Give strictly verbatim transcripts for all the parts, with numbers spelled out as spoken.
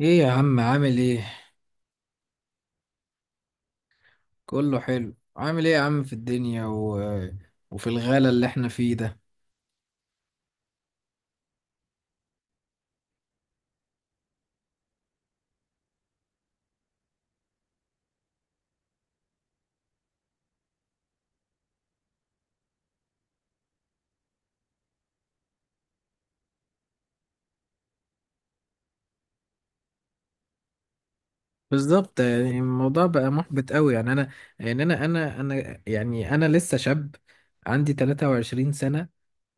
ايه يا عم عامل ايه؟ كله حلو، عامل ايه يا عم في الدنيا و... وفي الغلا اللي احنا فيه ده. بالظبط، يعني الموضوع بقى محبط قوي، يعني انا يعني انا انا انا يعني انا لسه شاب، عندي تلاتة وعشرين سنة.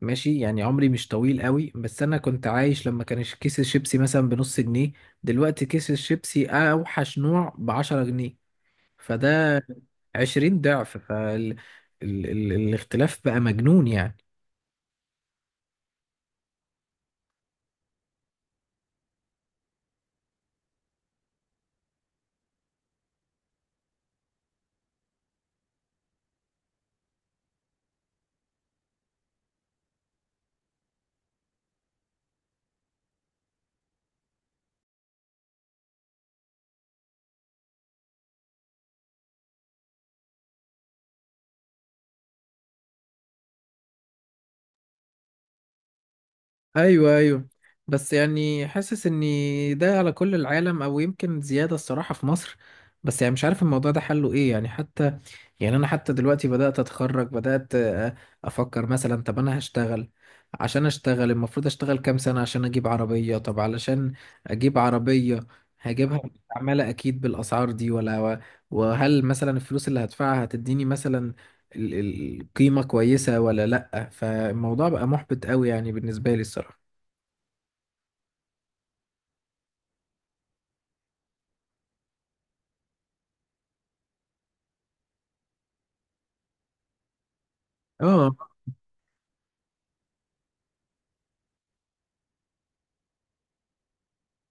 ماشي، يعني عمري مش طويل قوي، بس انا كنت عايش لما كان كيس الشيبسي مثلا بنص جنيه. دلوقتي كيس الشيبسي اوحش نوع بعشرة جنيه، فده عشرين ضعف، فالاختلاف بقى مجنون يعني. ايوه ايوه بس يعني حاسس ان ده على كل العالم، او يمكن زياده الصراحه في مصر. بس يعني مش عارف الموضوع ده حله ايه، يعني حتى يعني انا حتى دلوقتي بدات اتخرج، بدات آه، افكر مثلا، طب انا هشتغل. عشان اشتغل المفروض اشتغل كام سنه عشان اجيب عربيه؟ طب علشان اجيب عربيه هجيبها مستعمله اكيد بالاسعار دي، ولا؟ وهل مثلا الفلوس اللي هدفعها هتديني مثلا ال- ال- القيمه كويسه ولا لا؟ فالموضوع بقى محبط قوي يعني بالنسبه لي الصراحه. اه.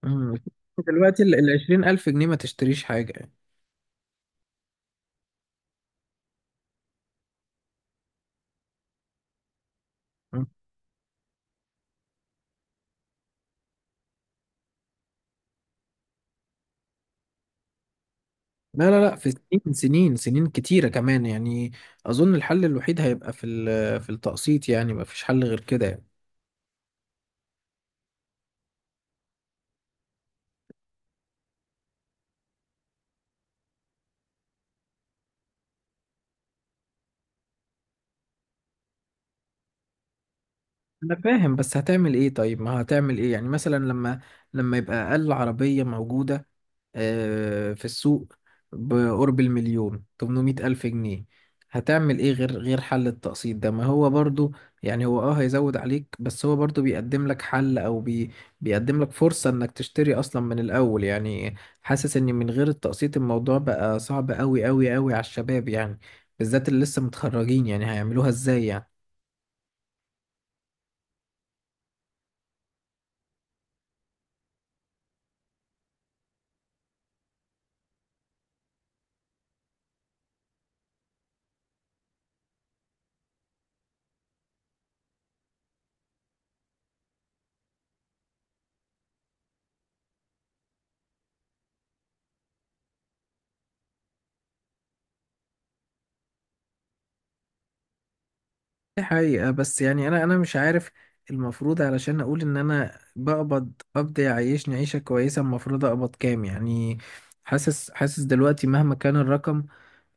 أمم. دلوقتي ال ال عشرين ألف جنيه ما تشتريش حاجة يعني. أمم. لا لا لا في سنين سنين سنين كتيرة كمان يعني. أظن الحل الوحيد هيبقى في ال- في التقسيط يعني، ما فيش حل غير كده يعني. أنا فاهم، بس هتعمل إيه؟ طيب ما هتعمل إيه يعني مثلا، لما لما يبقى أقل عربية موجودة آه في السوق بقرب المليون تمنمية ألف جنيه؟ هتعمل ايه غير غير حل التقسيط ده؟ ما هو برضو يعني هو اه هيزود عليك، بس هو برضو بيقدم لك حل، او بي بيقدم لك فرصة انك تشتري اصلا من الاول يعني. حاسس ان من غير التقسيط الموضوع بقى صعب قوي قوي قوي على الشباب يعني، بالذات اللي لسه متخرجين، يعني هيعملوها ازاي يعني؟ دي حقيقة، بس يعني أنا أنا مش عارف. المفروض علشان أقول إن أنا بقبض قبض يعيشني عيشة كويسة المفروض أقبض كام يعني؟ حاسس حاسس دلوقتي مهما كان الرقم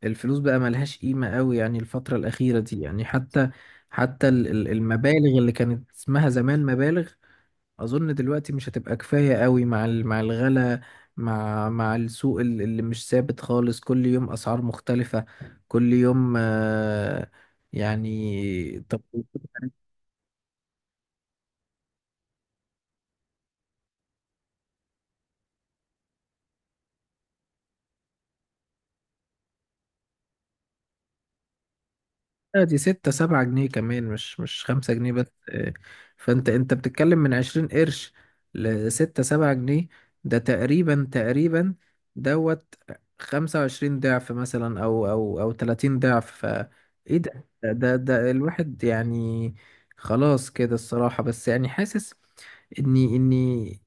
الفلوس بقى ملهاش قيمة قوي يعني الفترة الأخيرة دي، يعني حتى حتى ال- ال- المبالغ اللي كانت اسمها زمان مبالغ أظن دلوقتي مش هتبقى كفاية قوي مع ال- مع الغلا، مع مع السوق ال- اللي مش ثابت خالص، كل يوم أسعار مختلفة، كل يوم. آه، يعني طب. لا دي ستة سبعة جنيه كمان، مش مش خمسة جنيه بس آه. فانت انت بتتكلم من عشرين قرش لستة سبعة جنيه، ده تقريبا تقريبا دوت خمسة وعشرين ضعف مثلا، او او او تلاتين ضعف. ف ايه ده ده ده ده الواحد يعني؟ خلاص كده الصراحة. بس يعني حاسس اني اني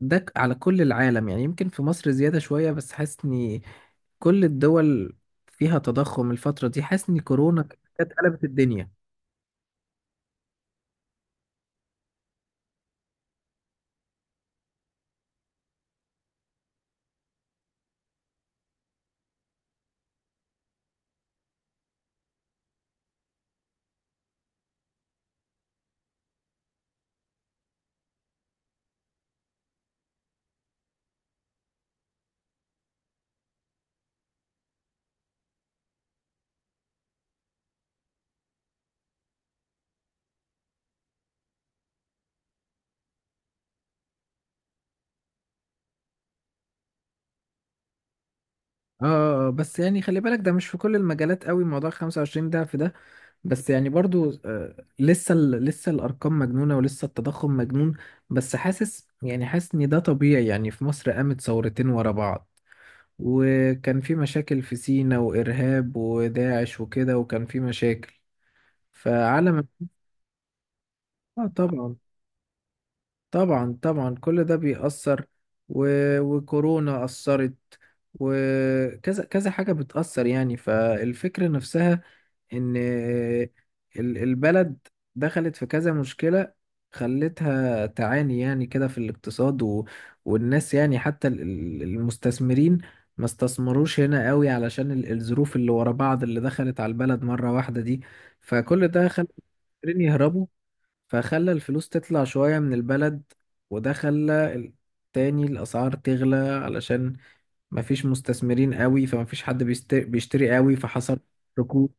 ده ك- على كل العالم، يعني يمكن في مصر زيادة شوية، بس حاسس اني كل الدول فيها تضخم الفترة دي. حاسس ان كورونا كانت قلبت الدنيا. اه آه آه، بس يعني خلي بالك ده مش في كل المجالات قوي موضوع خمسة وعشرين ده، في ده بس يعني برضو آه. لسه ال- لسه الارقام مجنونة ولسه التضخم مجنون. بس حاسس، يعني حاسس ان ده طبيعي. يعني في مصر قامت ثورتين ورا بعض، وكان في مشاكل في سينا وارهاب وداعش وكده، وكان في مشاكل فعلم. اه طبعا، طبعا طبعا كل ده بيأثر، و... وكورونا أثرت، وكذا كذا حاجة بتأثر يعني. فالفكرة نفسها إن ال- البلد دخلت في كذا مشكلة، خلتها تعاني يعني كده في الاقتصاد، و... والناس. يعني حتى ال- ال- المستثمرين ما استثمروش هنا قوي علشان ال- الظروف اللي ورا بعض اللي دخلت على البلد مرة واحدة دي، فكل ده خلى المستثمرين يهربوا. فخلى الفلوس تطلع شوية من البلد، وده خلى ال- تاني الأسعار تغلى علشان مفيش مستثمرين قوي، فمفيش حد بيست- بيشتري قوي، فحصل ركود.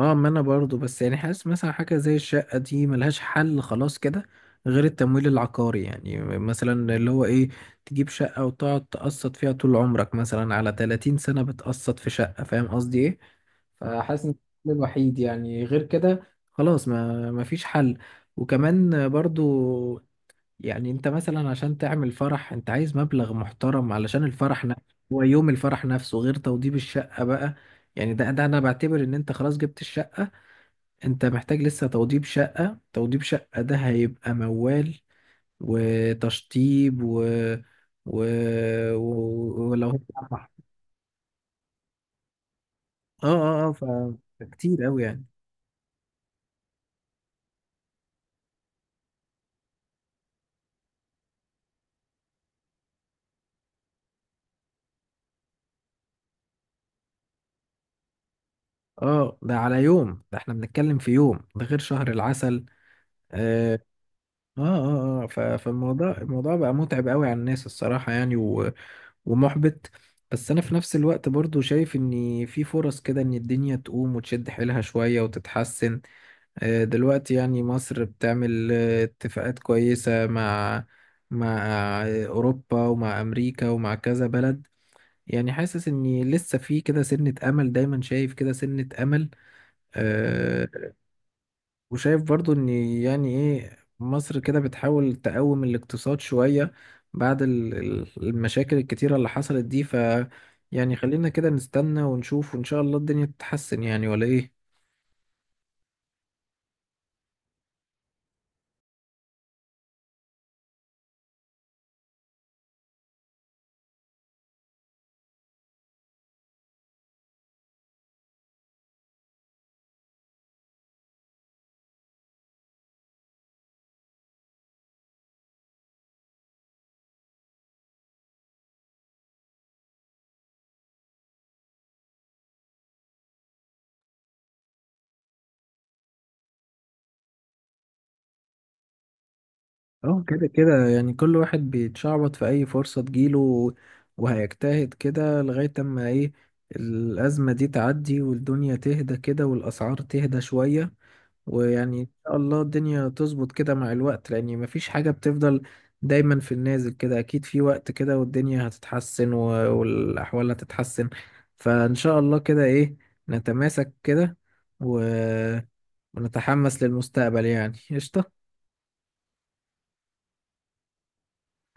اه ما انا برضو، بس يعني حاسس مثلا حاجة زي الشقة دي ملهاش حل خلاص كده غير التمويل العقاري، يعني مثلا اللي هو ايه، تجيب شقة وتقعد تقسط فيها طول عمرك مثلا على تلاتين سنة بتقسط في شقة، فاهم قصدي ايه؟ فحاسس ان ده الوحيد يعني، غير كده خلاص ما ما فيش حل. وكمان برضو يعني انت مثلا عشان تعمل فرح انت عايز مبلغ محترم علشان الفرح نفسه. هو يوم الفرح نفسه غير توضيب الشقة بقى، يعني ده ده انا بعتبر ان انت خلاص جبت الشقة، انت محتاج لسه توضيب شقة. توضيب شقة ده هيبقى موال، وتشطيب و و, و... ولو اه اه اه ف كتير قوي يعني. اه ده على يوم، ده احنا بنتكلم في يوم ده غير شهر العسل آه. اه اه اه ف- فالموضوع الموضوع بقى متعب قوي على الناس الصراحة يعني، و... ومحبط. بس انا في نفس الوقت برضو شايف ان في فرص كده ان الدنيا تقوم وتشد حيلها شوية وتتحسن آه. دلوقتي يعني مصر بتعمل آه اتفاقات كويسة مع مع آه اوروبا، ومع امريكا، ومع كذا بلد. يعني حاسس اني لسه في كده سنة امل، دايما شايف كده سنة امل آه. وشايف برضو ان، يعني ايه، مصر كده بتحاول تقوم الاقتصاد شوية بعد ال- ال- المشاكل الكتيرة اللي حصلت دي. ف يعني خلينا كده نستنى ونشوف، وان شاء الله الدنيا تتحسن يعني، ولا ايه؟ اه كده كده يعني كل واحد بيتشعبط في اي فرصة تجيله، وهيجتهد كده لغاية اما ايه، الأزمة دي تعدي والدنيا تهدى كده والأسعار تهدى شوية. ويعني ان شاء الله الدنيا تظبط كده مع الوقت، لان مفيش حاجة بتفضل دايما في النازل كده، اكيد في وقت كده والدنيا هتتحسن و- والاحوال هتتحسن. فان شاء الله كده ايه، نتماسك كده، و... ونتحمس للمستقبل يعني، قشطة.